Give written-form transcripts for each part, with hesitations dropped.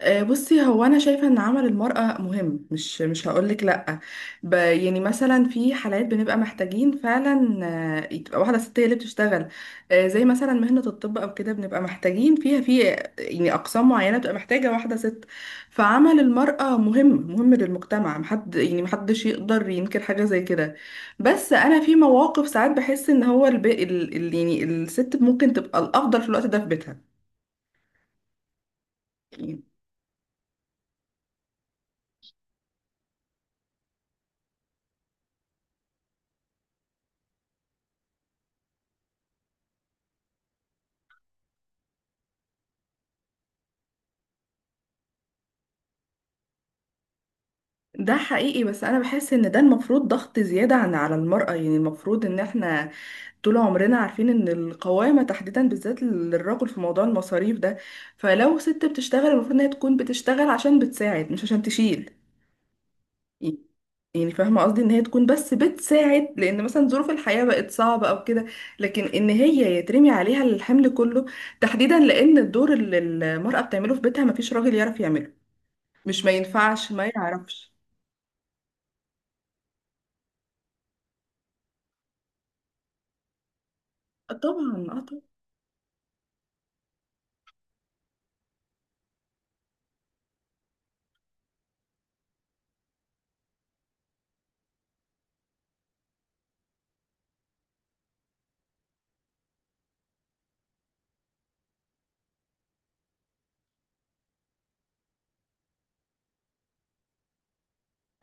آه، بصي هو انا شايفه ان عمل المراه مهم، مش هقولك لا. يعني مثلا في حالات بنبقى محتاجين فعلا تبقى واحده ست هي اللي بتشتغل. زي مثلا مهنه الطب او كده بنبقى محتاجين فيها في يعني اقسام معينه بتبقى محتاجه واحده ست. فعمل المراه مهم، مهم للمجتمع. محد يعني محدش يقدر ينكر حاجه زي كده. بس انا في مواقف ساعات بحس ان هو يعني الست ممكن تبقى الافضل في الوقت ده في بيتها يعني. ده حقيقي بس انا بحس ان ده المفروض ضغط زيادة على المرأة. يعني المفروض ان احنا طول عمرنا عارفين ان القوامة تحديدا بالذات للرجل في موضوع المصاريف ده. فلو ست بتشتغل المفروض ان هي تكون بتشتغل عشان بتساعد مش عشان تشيل. يعني فاهمة قصدي ان هي تكون بس بتساعد لان مثلا ظروف الحياة بقت صعبة او كده، لكن ان هي يترمي عليها الحمل كله تحديدا لان الدور اللي المرأة بتعمله في بيتها مفيش راجل يعرف يعمله. مش ما ينفعش ما يعرفش. طبعا اه، طبعا اه.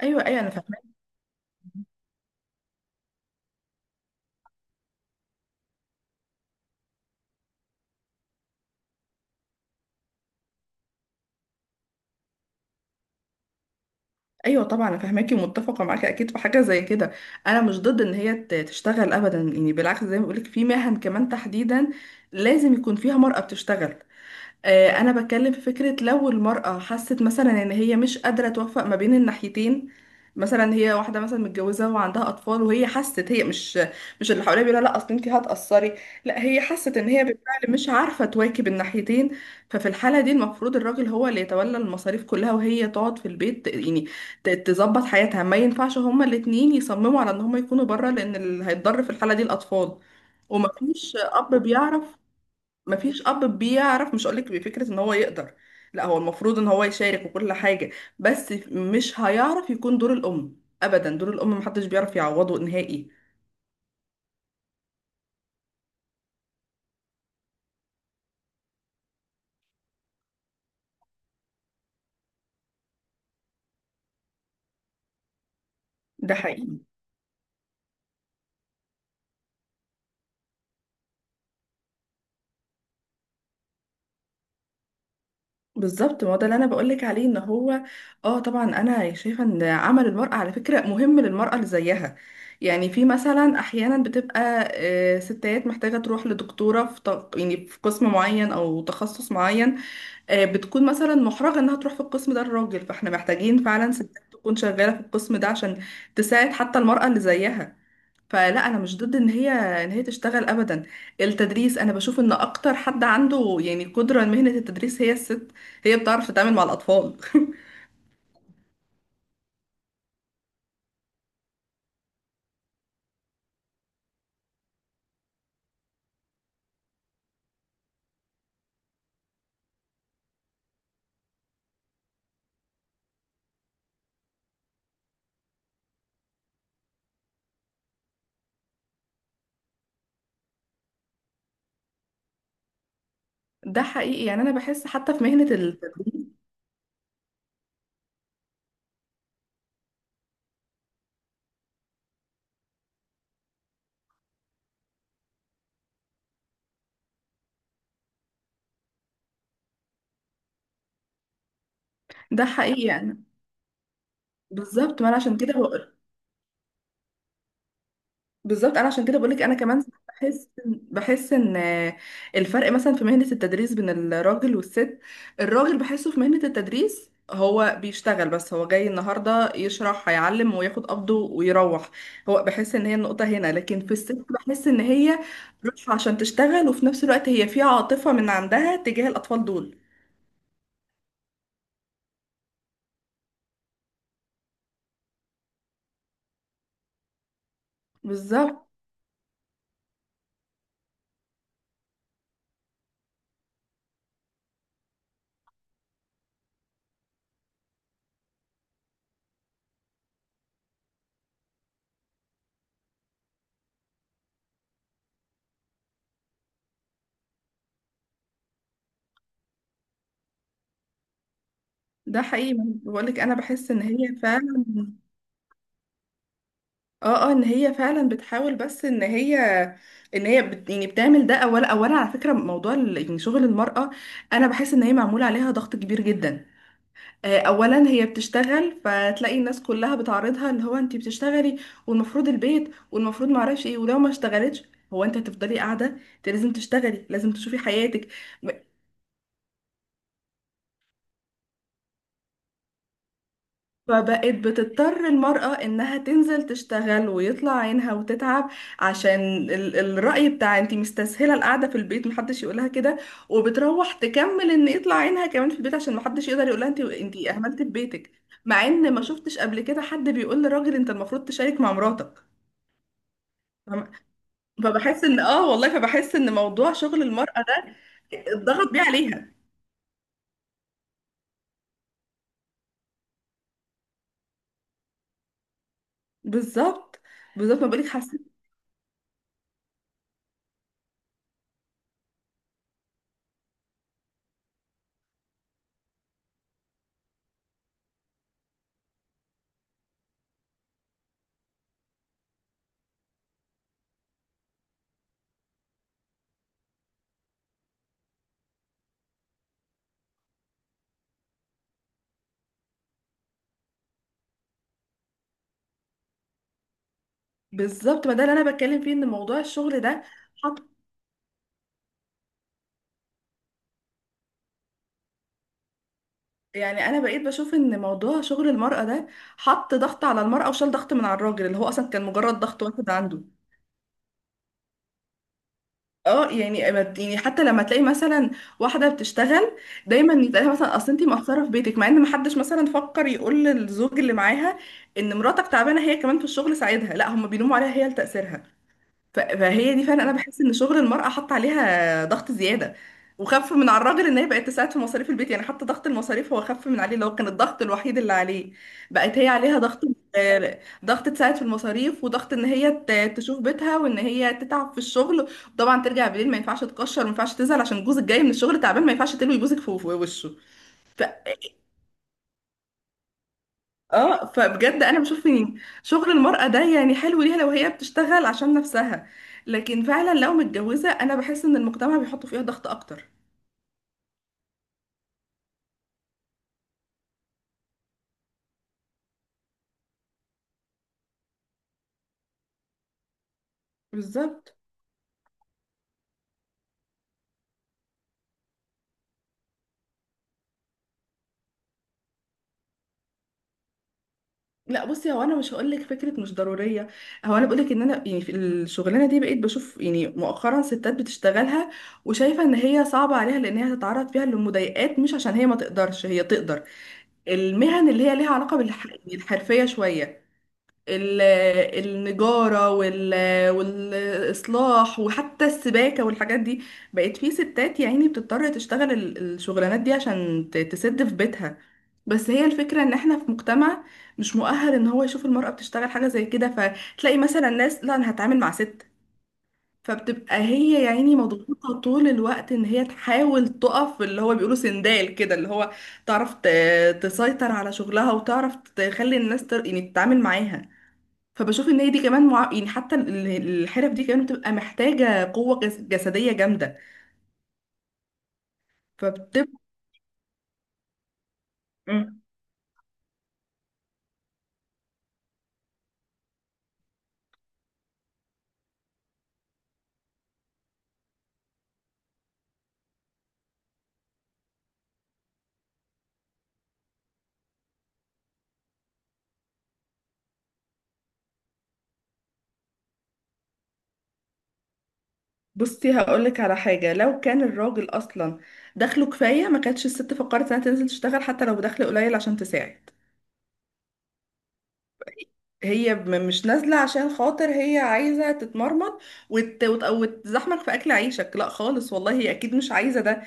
ايوه ايوه، انا فاهمك. ايوه طبعا، انا فاهماكي ومتفقه معاكي اكيد في حاجه زي كده. انا مش ضد ان هي تشتغل ابدا، يعني بالعكس زي ما بقولك في مهن كمان تحديدا لازم يكون فيها مرأة بتشتغل. انا بتكلم في فكرة لو المرأة حست مثلا ان هي مش قادرة توفق ما بين الناحيتين. مثلا هي واحدة مثلا متجوزة وعندها أطفال وهي حست هي مش اللي حواليها بيقولها لا أصل انتي هتقصري، لا هي حست ان هي بالفعل مش عارفة تواكب الناحيتين. ففي الحالة دي المفروض الراجل هو اللي يتولى المصاريف كلها وهي تقعد في البيت يعني تظبط حياتها. ما ينفعش هما الاتنين يصمموا على ان هما يكونوا بره لأن اللي هيتضر في الحالة دي الأطفال. ومفيش أب بيعرف. مفيش اب بيعرف، مش هقولك بفكره ان هو يقدر، لا هو المفروض ان هو يشارك وكل حاجه، بس مش هيعرف يكون دور الام، ابدا دور الام محدش بيعرف يعوضه نهائي. ده حقيقي. بالظبط ما هو ده اللي انا بقولك عليه ان هو اه طبعا، انا شايفه ان عمل المراه على فكره مهم للمراه اللي زيها. يعني في مثلا احيانا بتبقى ستات محتاجه تروح لدكتوره في يعني في قسم معين او تخصص معين. بتكون مثلا محرجة انها تروح في القسم ده الراجل، فاحنا محتاجين فعلا ستات تكون شغالة في القسم ده عشان تساعد حتى المرأة اللي زيها. فلا انا مش ضد ان هي تشتغل ابدا. التدريس انا بشوف ان اكتر حد عنده يعني قدرة لمهنة التدريس هي الست، هي بتعرف تتعامل مع الاطفال. ده حقيقي، يعني انا بحس حتى في مهنة التدريس ده حقيقي يعني. بالظبط ما أنا عشان كده. بالظبط انا عشان كده بقولك انا كمان بحس، بحس ان الفرق مثلا في مهنة التدريس بين الراجل والست، الراجل بحسه في مهنة التدريس هو بيشتغل بس، هو جاي النهارده يشرح هيعلم وياخد قبضه ويروح. هو بحس ان هي النقطة هنا، لكن في الست بحس ان هي رايحة عشان تشتغل وفي نفس الوقت هي في عاطفة من عندها تجاه الاطفال دول. بالظبط. ده حقيقي، بقولك انا بحس ان هي فعلا. اه اه، ان هي فعلا بتحاول، بس ان هي يعني بتعمل ده. اولا اولا على فكره موضوع يعني شغل المراه انا بحس ان هي معمول عليها ضغط كبير جدا. اولا هي بتشتغل فتلاقي الناس كلها بتعارضها، اللي هو انت بتشتغلي والمفروض البيت والمفروض ما اعرفش ايه. ولو ما اشتغلتش هو انت هتفضلي قاعده؟ انت لازم تشتغلي، لازم تشوفي حياتك. فبقت بتضطر المرأة إنها تنزل تشتغل ويطلع عينها وتتعب عشان الرأي بتاع انتي مستسهلة القعدة في البيت محدش يقولها كده. وبتروح تكمل إن يطلع عينها كمان في البيت عشان محدش يقدر يقولها انتي أهملت في بيتك. مع إن ما شفتش قبل كده حد بيقول لراجل انت المفروض تشارك مع مراتك. فاهمة؟ فبحس إن موضوع شغل المرأة ده اتضغط بيه عليها. بالظبط. بالظبط ما بقولك حسيت. بالظبط ما ده اللي أنا بتكلم فيه إن موضوع الشغل ده، يعني انا بقيت بشوف ان موضوع شغل المرأة ده حط ضغط على المرأة وشال ضغط من على الراجل اللي هو اصلا كان مجرد ضغط واحد عنده. اه يعني يعني حتى لما تلاقي مثلا واحدة بتشتغل دايما يتقالها مثلا اصل انتي مقصرة في بيتك، مع ان محدش مثلا فكر يقول للزوج اللي معاها ان مراتك تعبانة هي كمان في الشغل ساعدها، لا هم بيلوموا عليها هي لتقصيرها. فهي دي فعلا انا بحس ان شغل المرأة حط عليها ضغط زيادة وخف من على الراجل ان هي بقت تساعد في مصاريف البيت. يعني حتى ضغط المصاريف هو خف من عليه اللي هو كان الضغط الوحيد اللي عليه. بقت هي عليها ضغط، ضغط تساعد في المصاريف وضغط ان هي تشوف بيتها وان هي تتعب في الشغل. طبعا ترجع بالليل ما ينفعش تكشر، ما ينفعش تزعل عشان جوزك جاي من الشغل تعبان، ما ينفعش تلوي جوزك في وشه. اه فبجد انا بشوف ان شغل المرأة ده يعني حلو ليها لو هي بتشتغل عشان نفسها، لكن فعلا لو متجوزة انا بحس ان المجتمع بيحط فيها ضغط اكتر. بالظبط. لا بصي، هو انا مش هقول لك فكره مش ضروريه. هو انا بقول لك ان انا يعني في الشغلانه دي بقيت بشوف يعني مؤخرا ستات بتشتغلها وشايفه ان هي صعبه عليها لان هي تتعرض فيها لمضايقات، مش عشان هي ما تقدرش، هي تقدر. المهن اللي هي ليها علاقه بالحرفيه شويه، ال- النجارة والإصلاح وحتى السباكة والحاجات دي، بقت في ستات يا عيني بتضطر تشتغل الشغلانات دي عشان تسد في بيتها. بس هي الفكرة ان احنا في مجتمع مش مؤهل ان هو يشوف المرأة بتشتغل حاجة زي كده، فتلاقي مثلا ناس لا انا هتعامل مع ست. فبتبقى هي يا عيني مضغوطة طول الوقت ان هي تحاول تقف اللي هو بيقولوا سندال كده، اللي هو تعرف تسيطر على شغلها وتعرف تخلي الناس يعني تتعامل معاها. فبشوف ان هي دي كمان يعني حتى الحرف دي كمان بتبقى محتاجة قوة جسدية جامدة. فبتبقى. مم. بصي هقولك على حاجة، لو كان الراجل أصلا دخله كفاية ما كانتش الست فكرت إنها تنزل تشتغل حتى لو بدخل قليل عشان تساعد. هي مش نازلة عشان خاطر هي عايزة تتمرمط وتزحمك في أكل عيشك، لا خالص والله هي أكيد مش عايزة ده.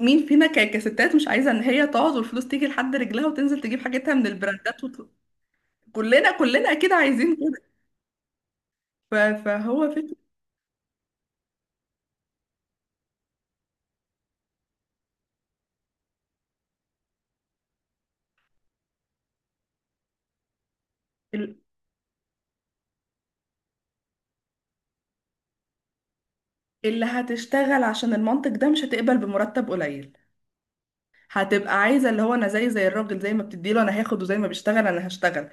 مين فينا كستات مش عايزة إن هي تقعد والفلوس تيجي لحد رجلها وتنزل تجيب حاجتها من البراندات كلنا كلنا اكيد عايزين. ف- فهو فكرة ال- اللي هتشتغل عشان المنطق ده مش هتقبل بمرتب قليل، هتبقى عايزة اللي هو أنا زي الراجل، زي ما بتديله أنا هاخد وزي ما بيشتغل أنا هشتغل.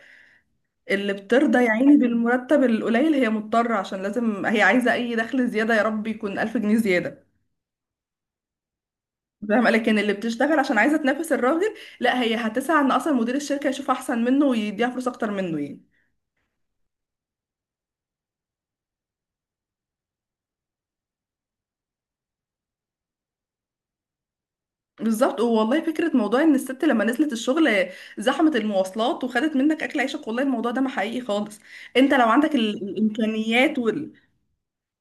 اللي بترضى يا عيني بالمرتب القليل هي مضطرة عشان لازم هي عايزة أي دخل زيادة، يا رب يكون 1000 جنيه زيادة. فاهمة؟ لكن اللي بتشتغل عشان عايزة تنافس الراجل لا هي هتسعى إن أصلا مدير الشركة يشوف أحسن منه ويديها فلوس أكتر منه يعني. بالظبط والله. فكرة موضوع ان الست لما نزلت الشغل زحمت المواصلات وخدت منك اكل عيشك، والله الموضوع ده ما حقيقي خالص. انت لو عندك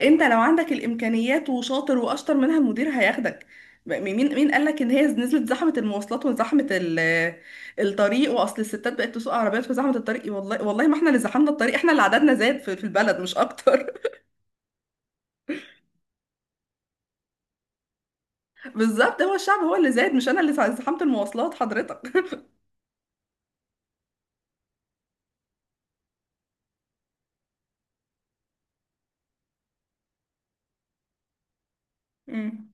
انت لو عندك الامكانيات وشاطر واشطر منها المدير هياخدك. مين قال لك ان هي نزلت زحمة المواصلات وزحمة الطريق واصل الستات بقت تسوق عربيات في زحمة الطريق؟ والله والله ما احنا اللي زحمنا الطريق، احنا اللي عددنا زاد في البلد مش اكتر. بالظبط، هو الشعب هو اللي زاد مش انا اللي زحمت المواصلات حضرتك. مم.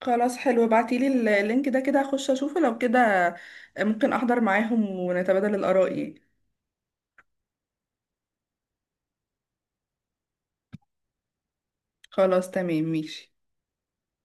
خلاص حلو ابعتيلي اللينك ده كده هخش اشوفه، لو كده ممكن احضر معاهم ونتبادل الاراء يعني. خلاص تمام ماشي.